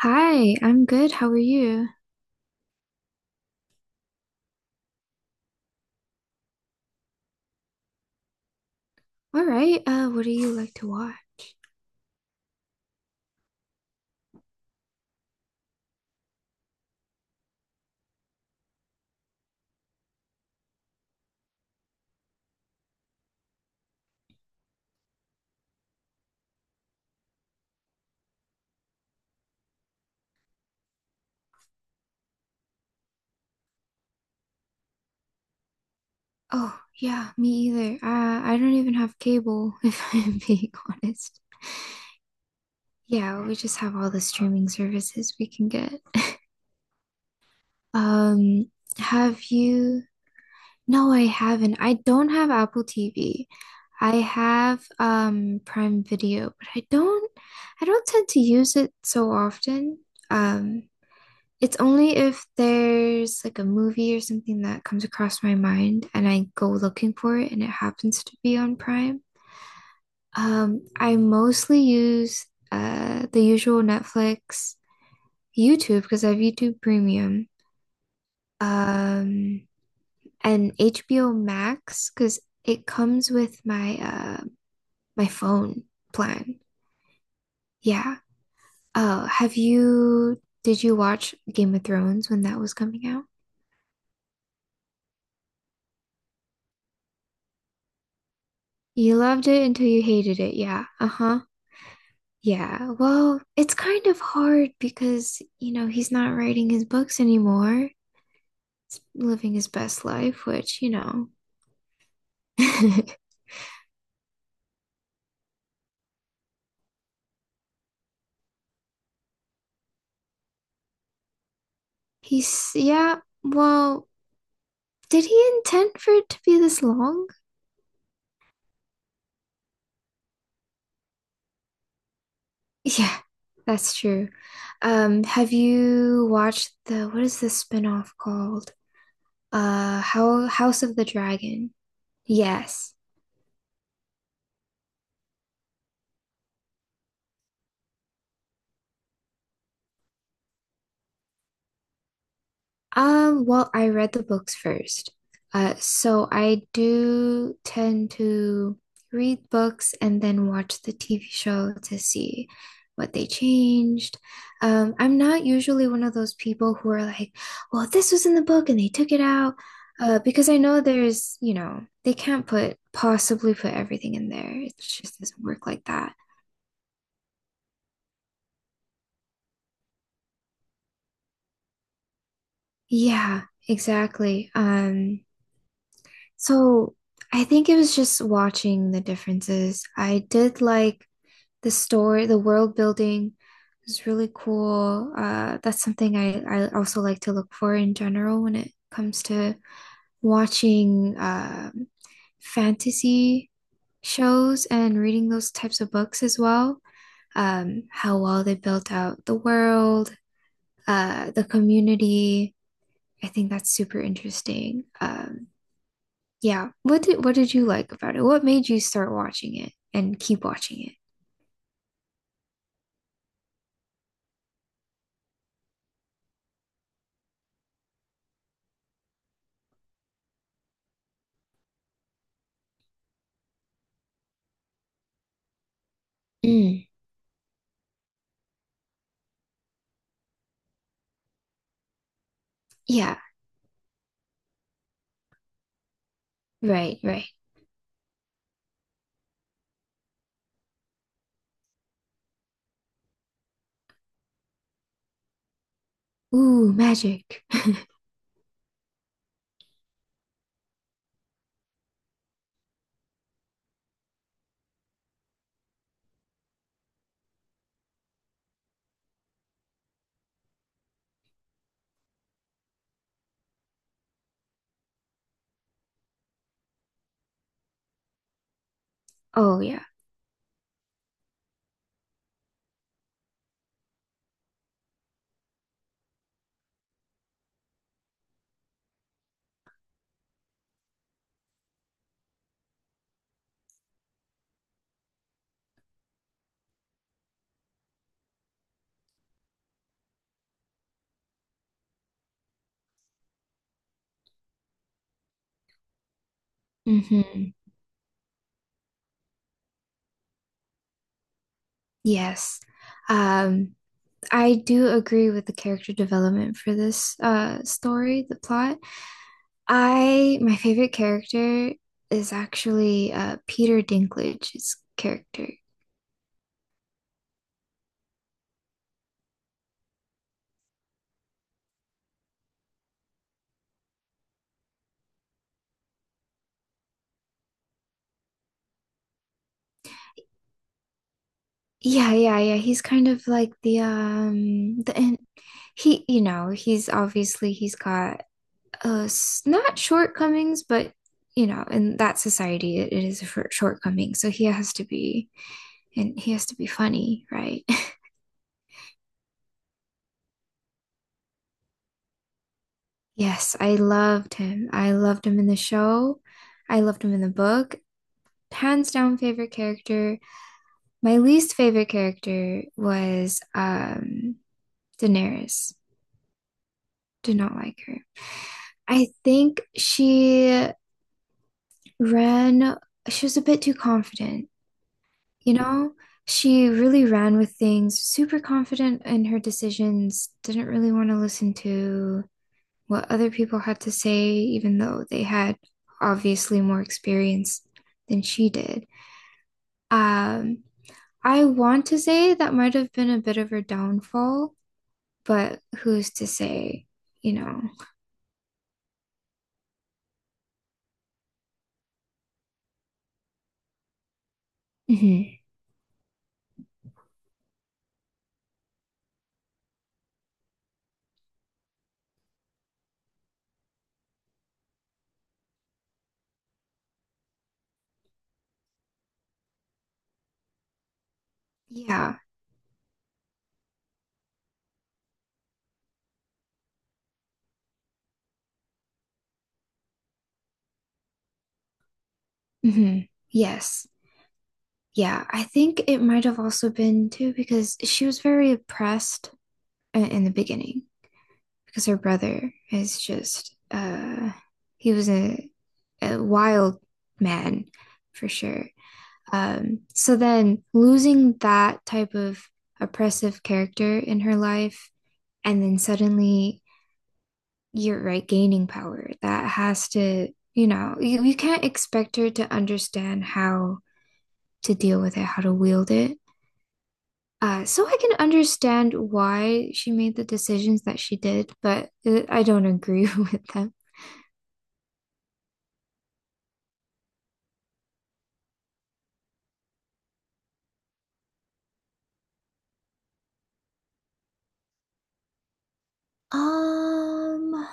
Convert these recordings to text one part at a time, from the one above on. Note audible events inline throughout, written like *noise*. Hi, I'm good. How are you? All right. What do you like to watch? Oh, yeah, me either. I don't even have cable, *laughs* if I'm being honest. Yeah, we just have all the streaming services we can get. *laughs* Um, have you? No, I haven't. I don't have Apple TV. I have Prime Video, but I don't tend to use it so often. Um, It's only if there's like a movie or something that comes across my mind and I go looking for it and it happens to be on Prime. I mostly use the usual Netflix, YouTube because I have YouTube Premium, um, and HBO Max because it comes with my my phone plan. Yeah. Oh, have you did you watch Game of Thrones when that was coming out? You loved it until you hated it. Yeah. Uh-huh. Yeah, well, it's kind of hard because, you know, he's not writing his books anymore, living his best life, which, you know, *laughs* he's, yeah, well, did he intend for it to be this long? *laughs* Yeah, that's true. Have you watched the, what is the spin-off called? How House of the Dragon. Yes. Well, I read the books first. So I do tend to read books and then watch the TV show to see what they changed. I'm not usually one of those people who are like, well, this was in the book and they took it out. Because I know there's, you know, they can't put possibly put everything in there. It just doesn't work like that. Yeah, exactly. So I think it was just watching the differences. I did like the story, the world building was really cool. That's something I also like to look for in general when it comes to watching fantasy shows and reading those types of books as well. How well they built out the world, the community. I think that's super interesting. Yeah. What did you like about it? What made you start watching it and keep watching it? Mm. Yeah, right, right. Ooh, magic. *laughs* Oh yeah. Mm-hmm. Yes. Um, I do agree with the character development for this story, the plot. I My favorite character is actually Peter Dinklage's character. Yeah, yeah, yeah. He's kind of like the and he you know, he's obviously he's got not shortcomings, but you know, in that society it is a shortcoming. So he has to be funny, right? *laughs* Yes, I loved him. I loved him in the show. I loved him in the book. Hands down favorite character. My least favorite character was Daenerys. Did not like her. I think ran, she was a bit too confident, you know? She really ran with things, super confident in her decisions, didn't really want to listen to what other people had to say, even though they had obviously more experience than she did. Um, I want to say that might have been a bit of her downfall, but who's to say, you know? Mm-hmm. Yeah. Hmm. Yes. Yeah. I think it might have also been too because she was very oppressed in the beginning because her brother is just he was a wild man for sure. So then losing that type of oppressive character in her life, and then suddenly you're right, gaining power. That has to, you know, you can't expect her to understand how to deal with it, how to wield it. So I can understand why she made the decisions that she did, but I don't agree *laughs* with them. Um,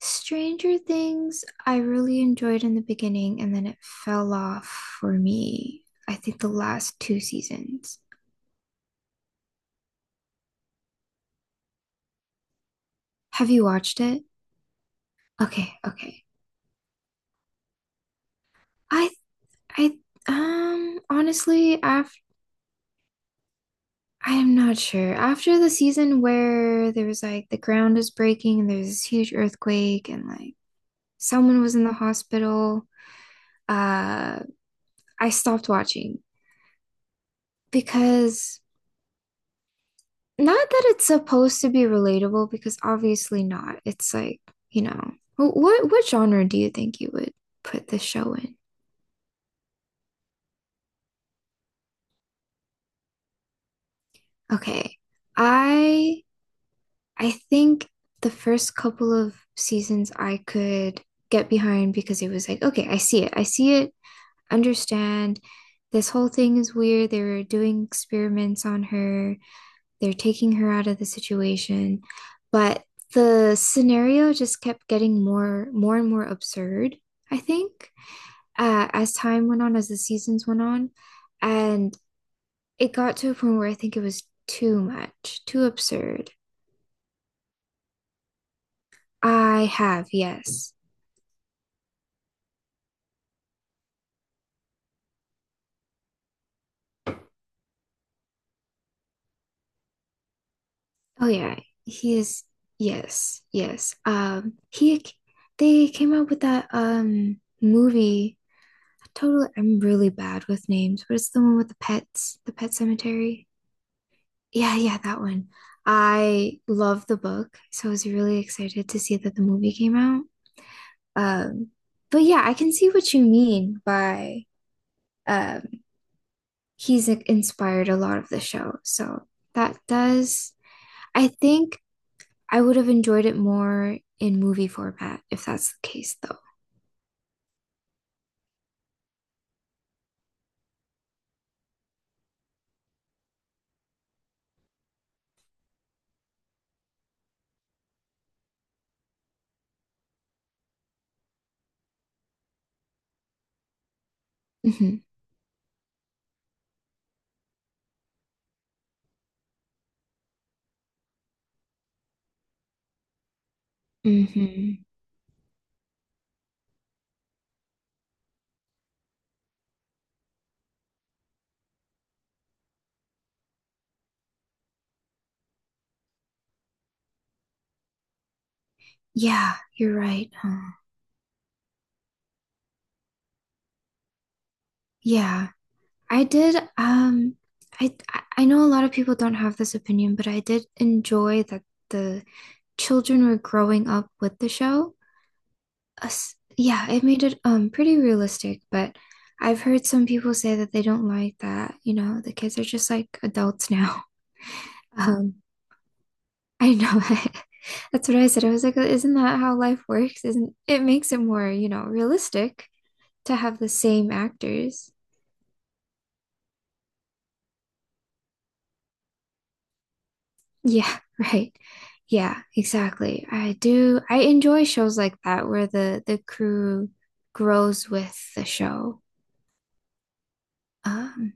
Stranger Things, I really enjoyed in the beginning and then it fell off for me. I think the last two seasons. Have you watched it? Okay, okay. I I honestly, after I am not sure. After the season where there was like the ground is breaking and there's this huge earthquake and like someone was in the hospital, uh I stopped watching because not that it's supposed to be relatable because obviously not. It's like, you know, what genre do you think you would put this show in? Okay. I I think the first couple of seasons I could get behind because it was like, okay, I see it. I see it. Understand. This whole thing is weird. They were doing experiments on her. They're taking her out of the situation, but the scenario just kept getting more and more absurd, I think, as time went on, as the seasons went on, and it got to a point where I think it was too much, too absurd. I have, yes. Oh yeah, he is yes, yes. He They came out with that movie. Totally, I'm really bad with names, but it's the one with the pets, the pet cemetery. Yeah, yeah, that one. I love the book, so I was really excited to see that the movie came out. Um, but yeah, I can see what you mean by um he's like, inspired a lot of the show. So that does, I think I would have enjoyed it more in movie format if that's the case, though. Hmm. Hmm. Yeah, you're right. Huh. Yeah. I did I know a lot of people don't have this opinion, but I did enjoy that the children were growing up with the show. Us, yeah, it made it pretty realistic, but I've heard some people say that they don't like that, you know, the kids are just like adults now. *laughs* Um I know *laughs* That's what I said. I was like, isn't that how life works? Isn't it makes it more, you know, realistic to have the same actors? Yeah, *laughs* right. Yeah, exactly. I do. I enjoy shows like that where the crew grows with the show. Um,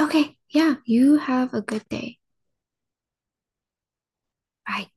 okay, yeah, you have a good day. Bye.